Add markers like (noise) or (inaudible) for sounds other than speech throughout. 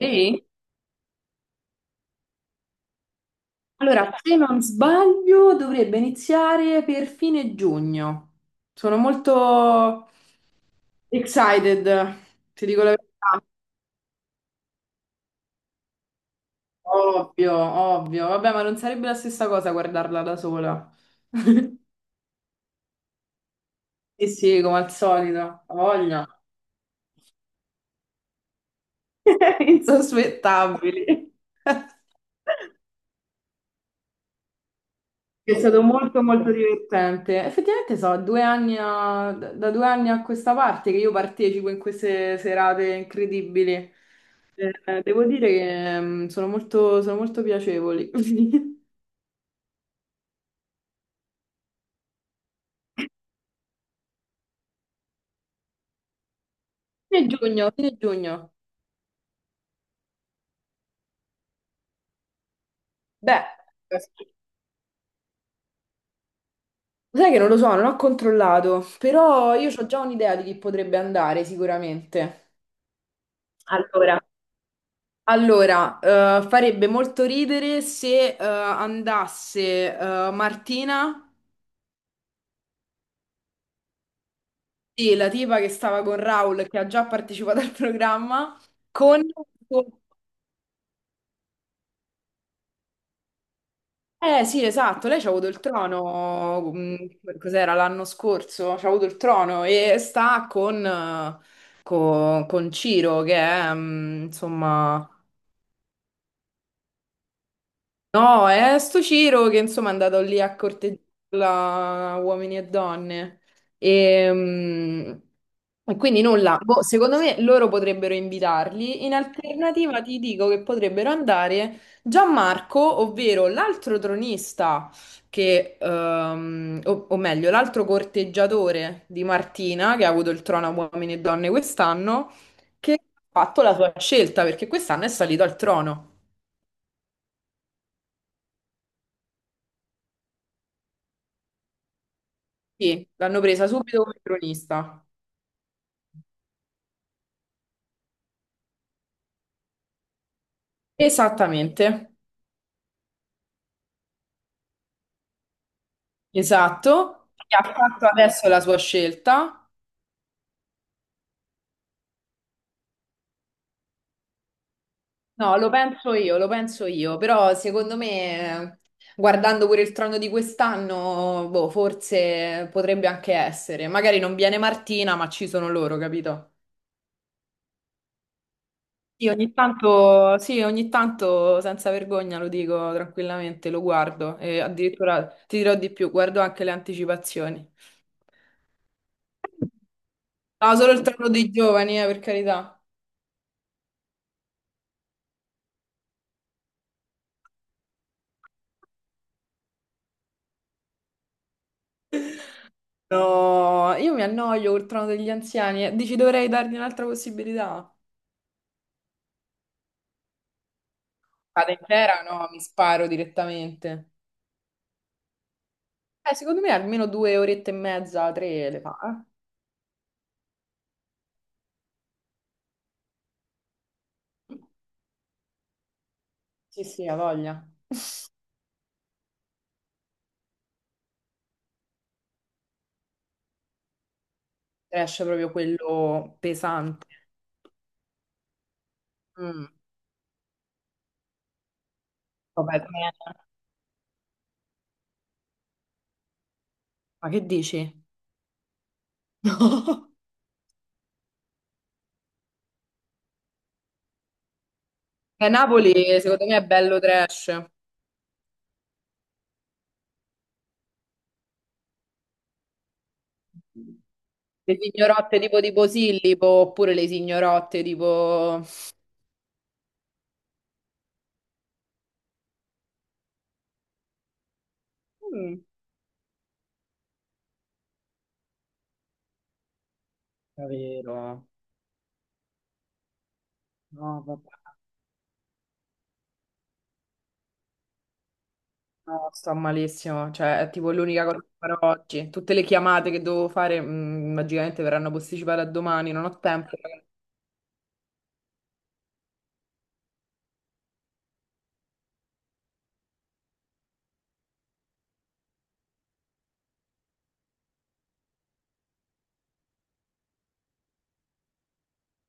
Sì? Allora, se non sbaglio, dovrebbe iniziare per fine giugno. Sono molto excited, ti dico la verità. Ovvio, ovvio. Vabbè, ma non sarebbe la stessa cosa guardarla da sola. (laughs) Sì, sì, come al solito, ha voglia. (laughs) Insospettabili. (laughs) È stato molto molto divertente. Effettivamente so, da 2 anni a questa parte che io partecipo in queste serate incredibili. Devo dire che sono molto piacevoli. (laughs) Fine giugno, fine giugno. Beh, sai che non lo so, non ho controllato, però io ho già un'idea di chi potrebbe andare sicuramente. Allora, Allora, farebbe molto ridere se andasse Martina. Sì, la tipa che stava con Raul, che ha già partecipato al programma, con... Eh sì, esatto, lei c'ha avuto il trono, cos'era, l'anno scorso? C'ha avuto il trono e sta con Ciro, che è, insomma, No, è sto Ciro che insomma è andato lì a corteggiarla uomini e donne. E, mm, e quindi nulla. Boh, secondo me loro potrebbero invitarli. In alternativa ti dico che potrebbero andare Gianmarco, ovvero l'altro tronista, o meglio, l'altro corteggiatore di Martina, che ha avuto il trono a uomini e donne quest'anno, che ha fatto la sua scelta perché quest'anno è salito al trono. Sì, l'hanno presa subito come cronista. Esattamente, esatto. E ha fatto adesso la sua scelta. No, lo penso io, però secondo me, guardando pure il trono di quest'anno, boh, forse potrebbe anche essere. Magari non viene Martina, ma ci sono loro, capito? Sì, ogni tanto, senza vergogna, lo dico tranquillamente, lo guardo e addirittura ti dirò di più, guardo anche le anticipazioni. No, solo il trono dei giovani, per carità. No, io mi annoio col trono degli anziani. Eh. Dici dovrei dargli un'altra possibilità? Vado intera? No, mi sparo direttamente. Secondo me almeno due orette e mezza, tre le fa. Eh. Sì, sì, ha voglia. Trash proprio quello pesante. Mm. Vabbè, bene. Ma che dici? (laughs) No. Napoli, secondo me, è bello trash. Le signorotte tipo di Posillipo, oppure le signorotte tipo. Mm. Davvero? No, vabbè. No, sto malissimo, cioè è tipo l'unica cosa che farò oggi. Tutte le chiamate che devo fare, magicamente verranno posticipate a domani, non ho tempo.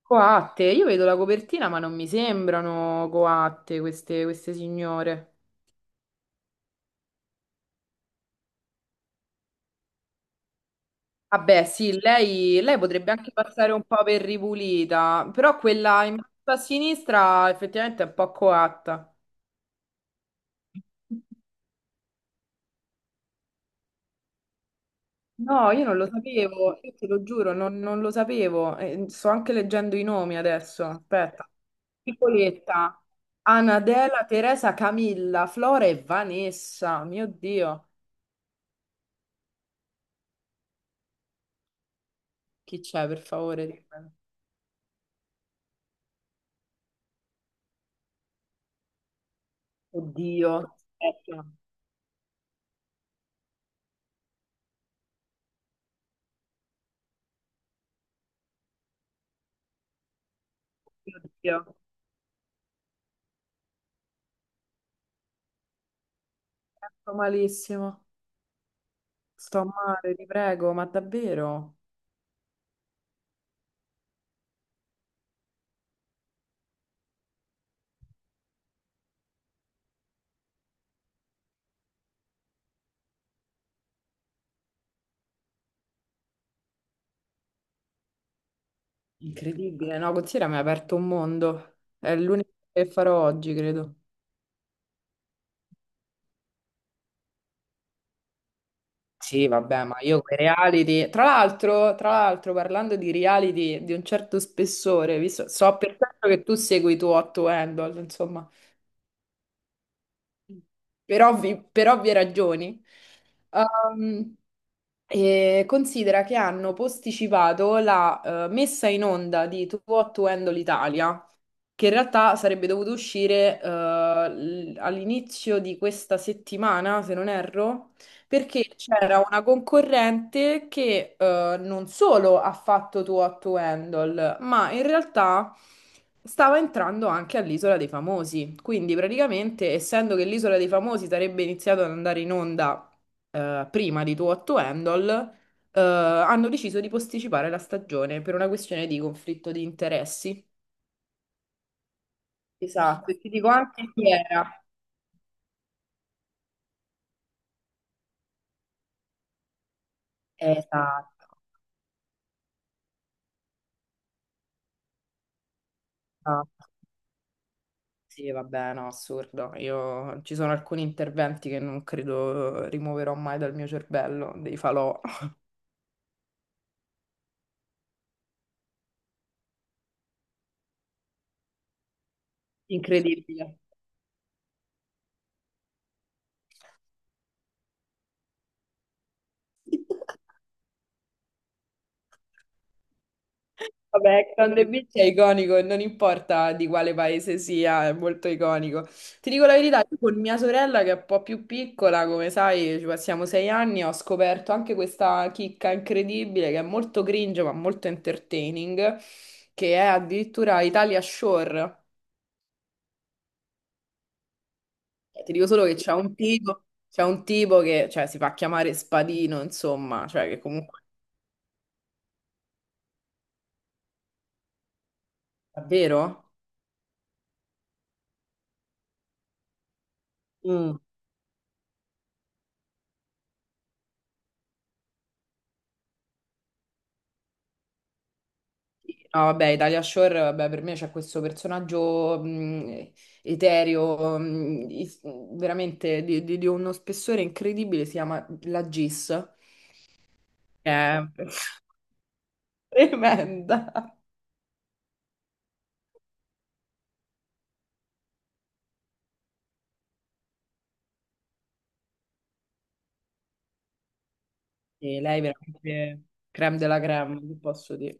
Coatte, io vedo la copertina, ma non mi sembrano coatte queste signore. Vabbè, sì, lei potrebbe anche passare un po' per ripulita, però quella in basso a sinistra effettivamente è un po' coatta. No, io non lo sapevo, io te lo giuro, non lo sapevo. Sto anche leggendo i nomi adesso. Aspetta. Nicoletta, Anadela, Teresa, Camilla, Flora e Vanessa. Mio Dio, chi c'è per favore? Dimmelo. Oddio, aspetta. Mio Dio, sto malissimo, sto male, ti prego, ma davvero? Incredibile, no? Considera mi ha aperto un mondo. È l'unico che farò oggi, credo. Sì, vabbè, ma io quei reality. Tra l'altro, parlando di reality di un certo spessore, visto, so per certo che tu segui tu Otto Handle, insomma, per ovvie ragioni. Ehm, e considera che hanno posticipato la messa in onda di Tu Otto Handle Italia che in realtà sarebbe dovuto uscire all'inizio di questa settimana, se non erro, perché c'era una concorrente che non solo ha fatto Too to Handle, ma in realtà stava entrando anche all'Isola dei Famosi. Quindi praticamente, essendo che l'Isola dei Famosi sarebbe iniziato ad andare in onda prima di Too to Handle, hanno deciso di posticipare la stagione per una questione di conflitto di interessi. Esatto, e ti dico anche chi era. Esatto, esatto. Sì, vabbè, no, assurdo. Io ci sono alcuni interventi che non credo rimuoverò mai dal mio cervello, dei falò. Incredibile. (laughs) Vabbè, Ex on the Beach è iconico, non importa di quale paese sia, è molto iconico. Ti dico la verità, io con mia sorella che è un po' più piccola, come sai, ci passiamo 6 anni, ho scoperto anche questa chicca incredibile che è molto cringe ma molto entertaining, che è addirittura Italia Shore. Ti dico solo che c'è un tipo che, cioè, si fa chiamare Spadino, insomma, cioè che comunque. Davvero? Mm. No, vabbè, Italia Shore, vabbè, per me c'è questo personaggio etereo, veramente di uno spessore incredibile, si chiama la Gis, che è (laughs) tremenda. E lei è veramente creme della creme, vi posso dire.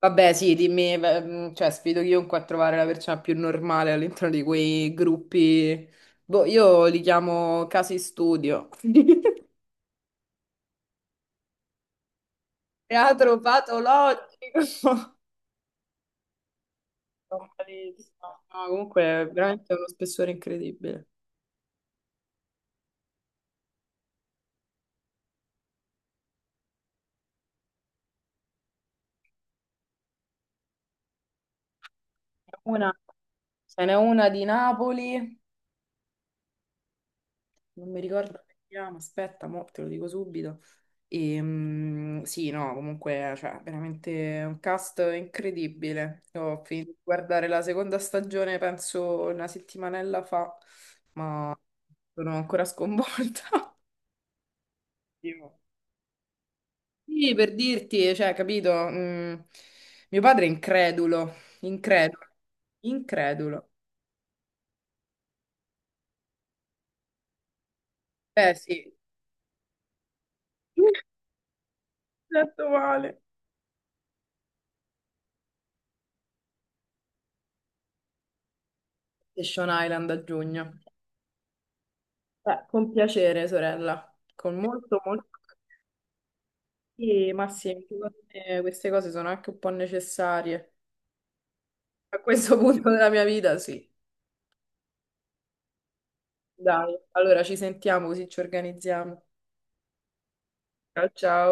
Vabbè, sì, dimmi, beh, cioè, sfido chiunque a trovare la persona più normale all'interno di quei gruppi. Boh, io li chiamo casi studio. (laughs) Teatro patologico. Sono bravissima. No, comunque è veramente uno spessore incredibile. Una, ce n'è una di Napoli, non mi ricordo come si chiama, aspetta, mo te lo dico subito. Sì, no, comunque, cioè, veramente un cast incredibile. Io ho finito di guardare la seconda stagione, penso una settimanella fa, ma sono ancora sconvolta. (laughs) Sì. Sì, per dirti, cioè, capito? Mio padre è incredulo, incredulo, incredulo. Eh sì, (laughs) Detto male. Station Island a giugno. Con piacere, sorella, con molto, molto. Sì, ma sì, secondo me queste cose sono anche un po' necessarie. A questo punto della mia vita, sì. Dai, allora ci sentiamo così ci organizziamo. Ciao, ciao.